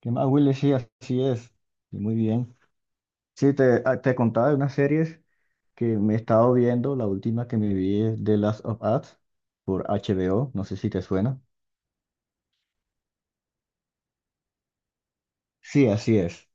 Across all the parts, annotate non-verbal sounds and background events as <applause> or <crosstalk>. ¿Qué más, Willy? Sí, así es. Y muy bien. Sí, te contaba de unas series que me he estado viendo. La última que me vi es The Last of Us por HBO. No sé si te suena. Sí, así es.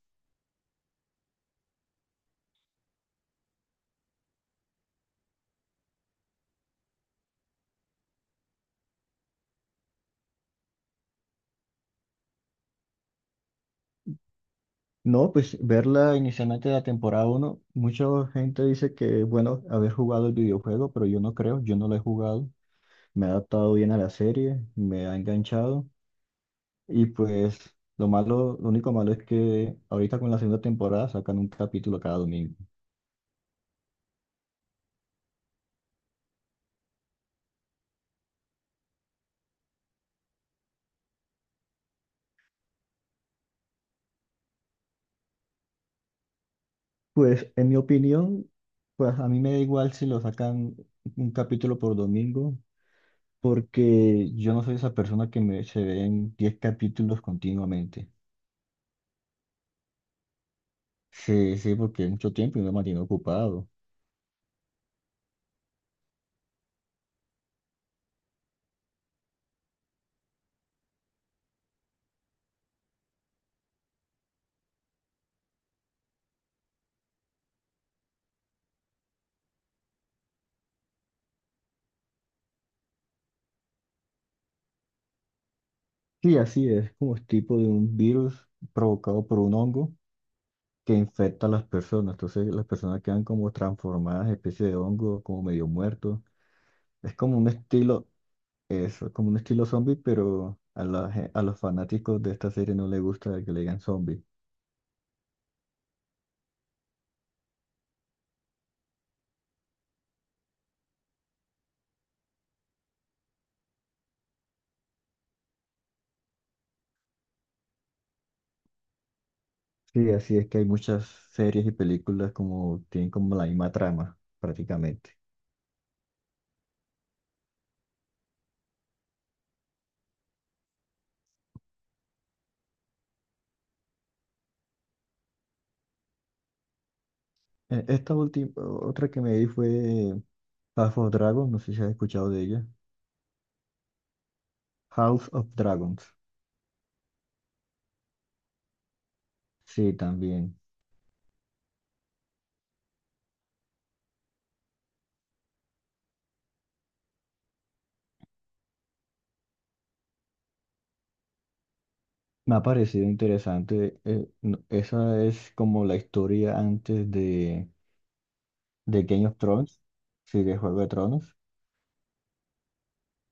No, pues verla inicialmente la temporada uno, mucha gente dice que es bueno haber jugado el videojuego, pero yo no creo, yo no lo he jugado. Me he adaptado bien a la serie, me ha enganchado, y pues lo malo, lo único malo es que ahorita con la segunda temporada sacan un capítulo cada domingo. Pues en mi opinión, pues a mí me da igual si lo sacan un capítulo por domingo, porque yo no soy esa persona que se ve en 10 capítulos continuamente. Sí, sí, porque es mucho tiempo y me mantiene ocupado. Sí, así es, como es tipo de un virus provocado por un hongo que infecta a las personas. Entonces las personas quedan como transformadas en especie de hongo, como medio muertos. Es como un estilo, eso, como un estilo zombie, pero a los fanáticos de esta serie no les gusta que le digan zombie. Sí, así es, que hay muchas series y películas como tienen como la misma trama, prácticamente. Esta última, otra que me vi fue House of Dragons, no sé si has escuchado de ella. House of Dragons. Sí, también. Me ha parecido interesante. Esa es como la historia antes de Game of Thrones, sí, de Juego de Tronos.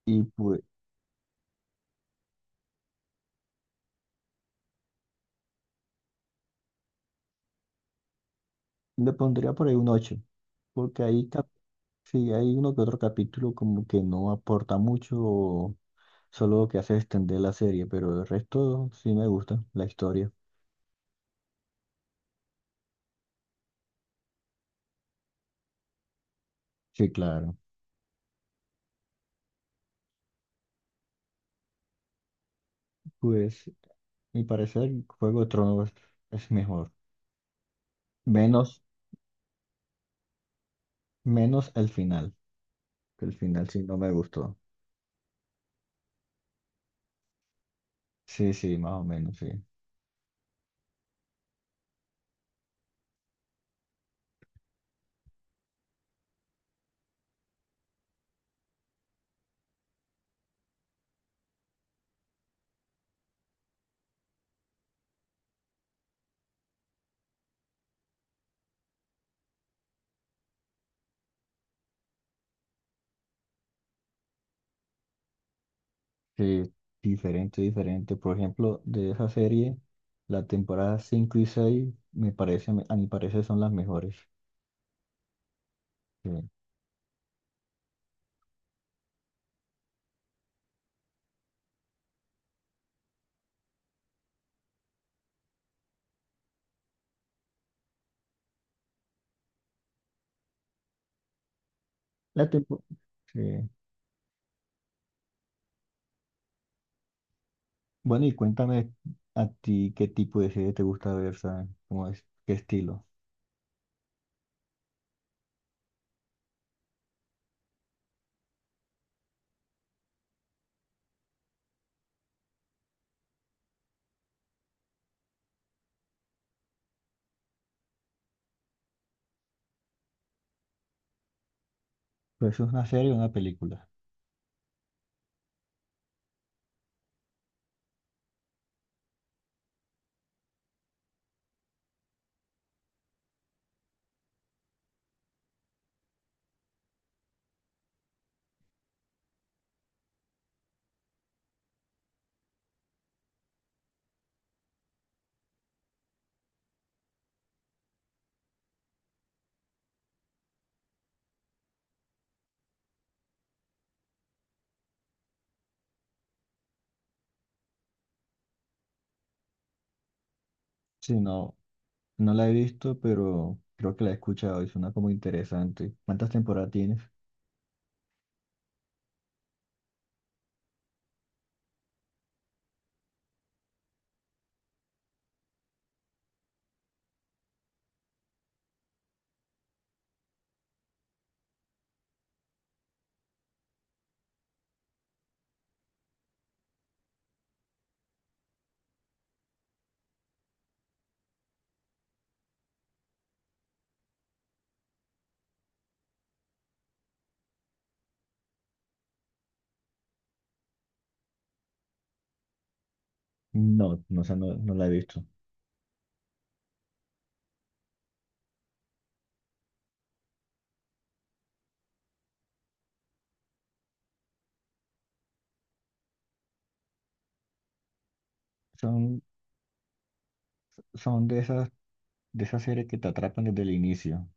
Y pues le pondría por ahí un ocho, porque sí hay uno que otro capítulo como que no aporta mucho. Solo lo que hace es extender la serie, pero el resto sí me gusta, la historia. Sí, claro. Pues, mi parecer, Juego de Tronos es mejor. Menos, menos el final, que el final sí no me gustó. Sí, sí, más o menos, sí. Sí, diferente, diferente. Por ejemplo, de esa serie, la temporada 5 y 6 me parece, a mi parecer, son las mejores. Sí. La tempo- sí. Bueno, y cuéntame, a ti ¿qué tipo de serie te gusta ver? ¿Sabes? ¿Cómo es? ¿Qué estilo? Pues ¿es una serie o una película? Sí, no, no la he visto, pero creo que la he escuchado y suena como interesante. ¿Cuántas temporadas tienes? No, no, o sea, no, no la he visto. Son, son de esas series que te atrapan desde el inicio.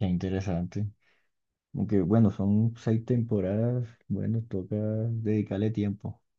Qué interesante. Aunque bueno, son seis temporadas. Bueno, toca dedicarle tiempo. <laughs>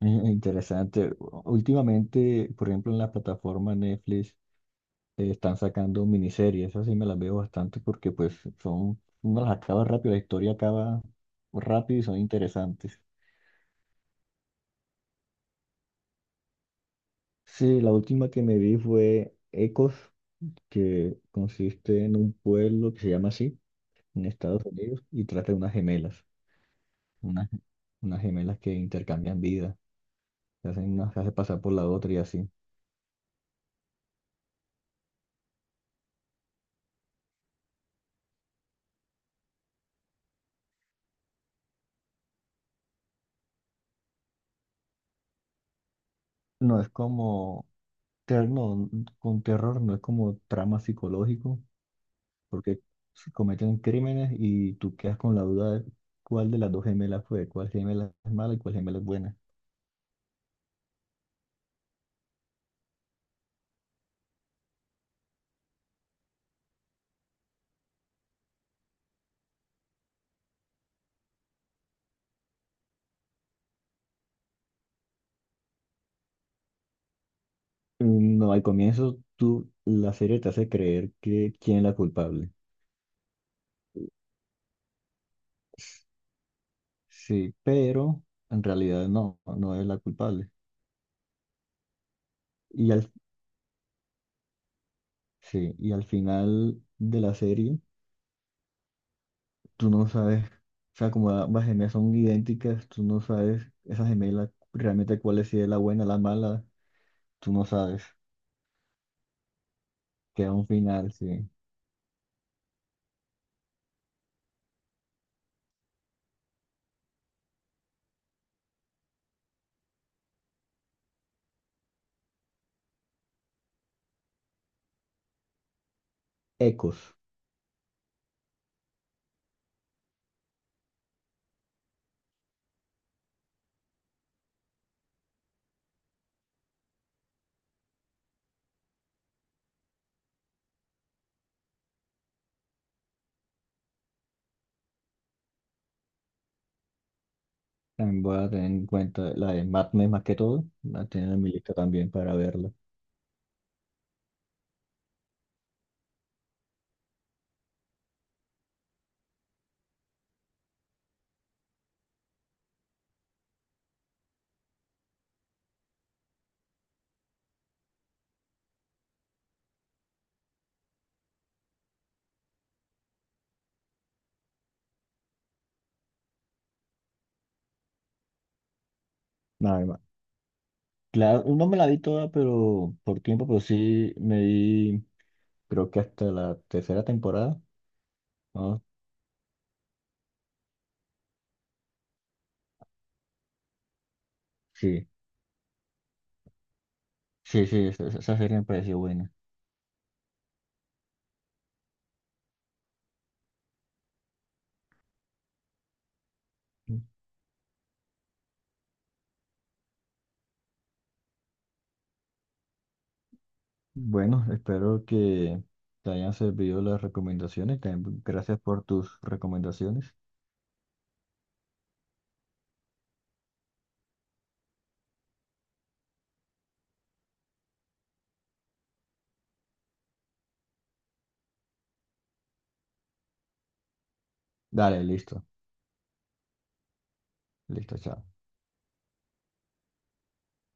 Interesante. Últimamente, por ejemplo, en la plataforma Netflix, están sacando miniseries. Esas sí me las veo bastante, porque pues son, uno las acaba rápido, la historia acaba rápido y son interesantes. Sí, la última que me vi fue Ecos, que consiste en un pueblo que se llama así, en Estados Unidos, y trata de unas gemelas, unas, unas gemelas que intercambian vida, se hacen una, se hace pasar por la otra y así. No es como, no, con terror, no, es como trama psicológico, porque si cometen crímenes y tú quedas con la duda de cuál de las dos gemelas fue, cuál gemela es mala y cuál gemela es buena. No, al comienzo tú, la serie te hace creer que quién es la culpable. Sí, pero en realidad no, no es la culpable. Y al, sí, y al final de la serie, tú no sabes, o sea, como ambas gemelas son idénticas, tú no sabes esa gemela realmente cuál es, si es la buena, la mala, tú no sabes. Queda un final, sí. Ecos. También voy a tener en cuenta la de Mad Men, más que todo. La tener en mi lista también para verla. Nada más. Claro, no me la vi toda, pero por tiempo, pero sí me vi, creo que hasta la tercera temporada. ¿No? Sí, sí, sí, esa serie me pareció buena. Bueno, espero que te hayan servido las recomendaciones. También gracias por tus recomendaciones. Dale, listo, listo, chao.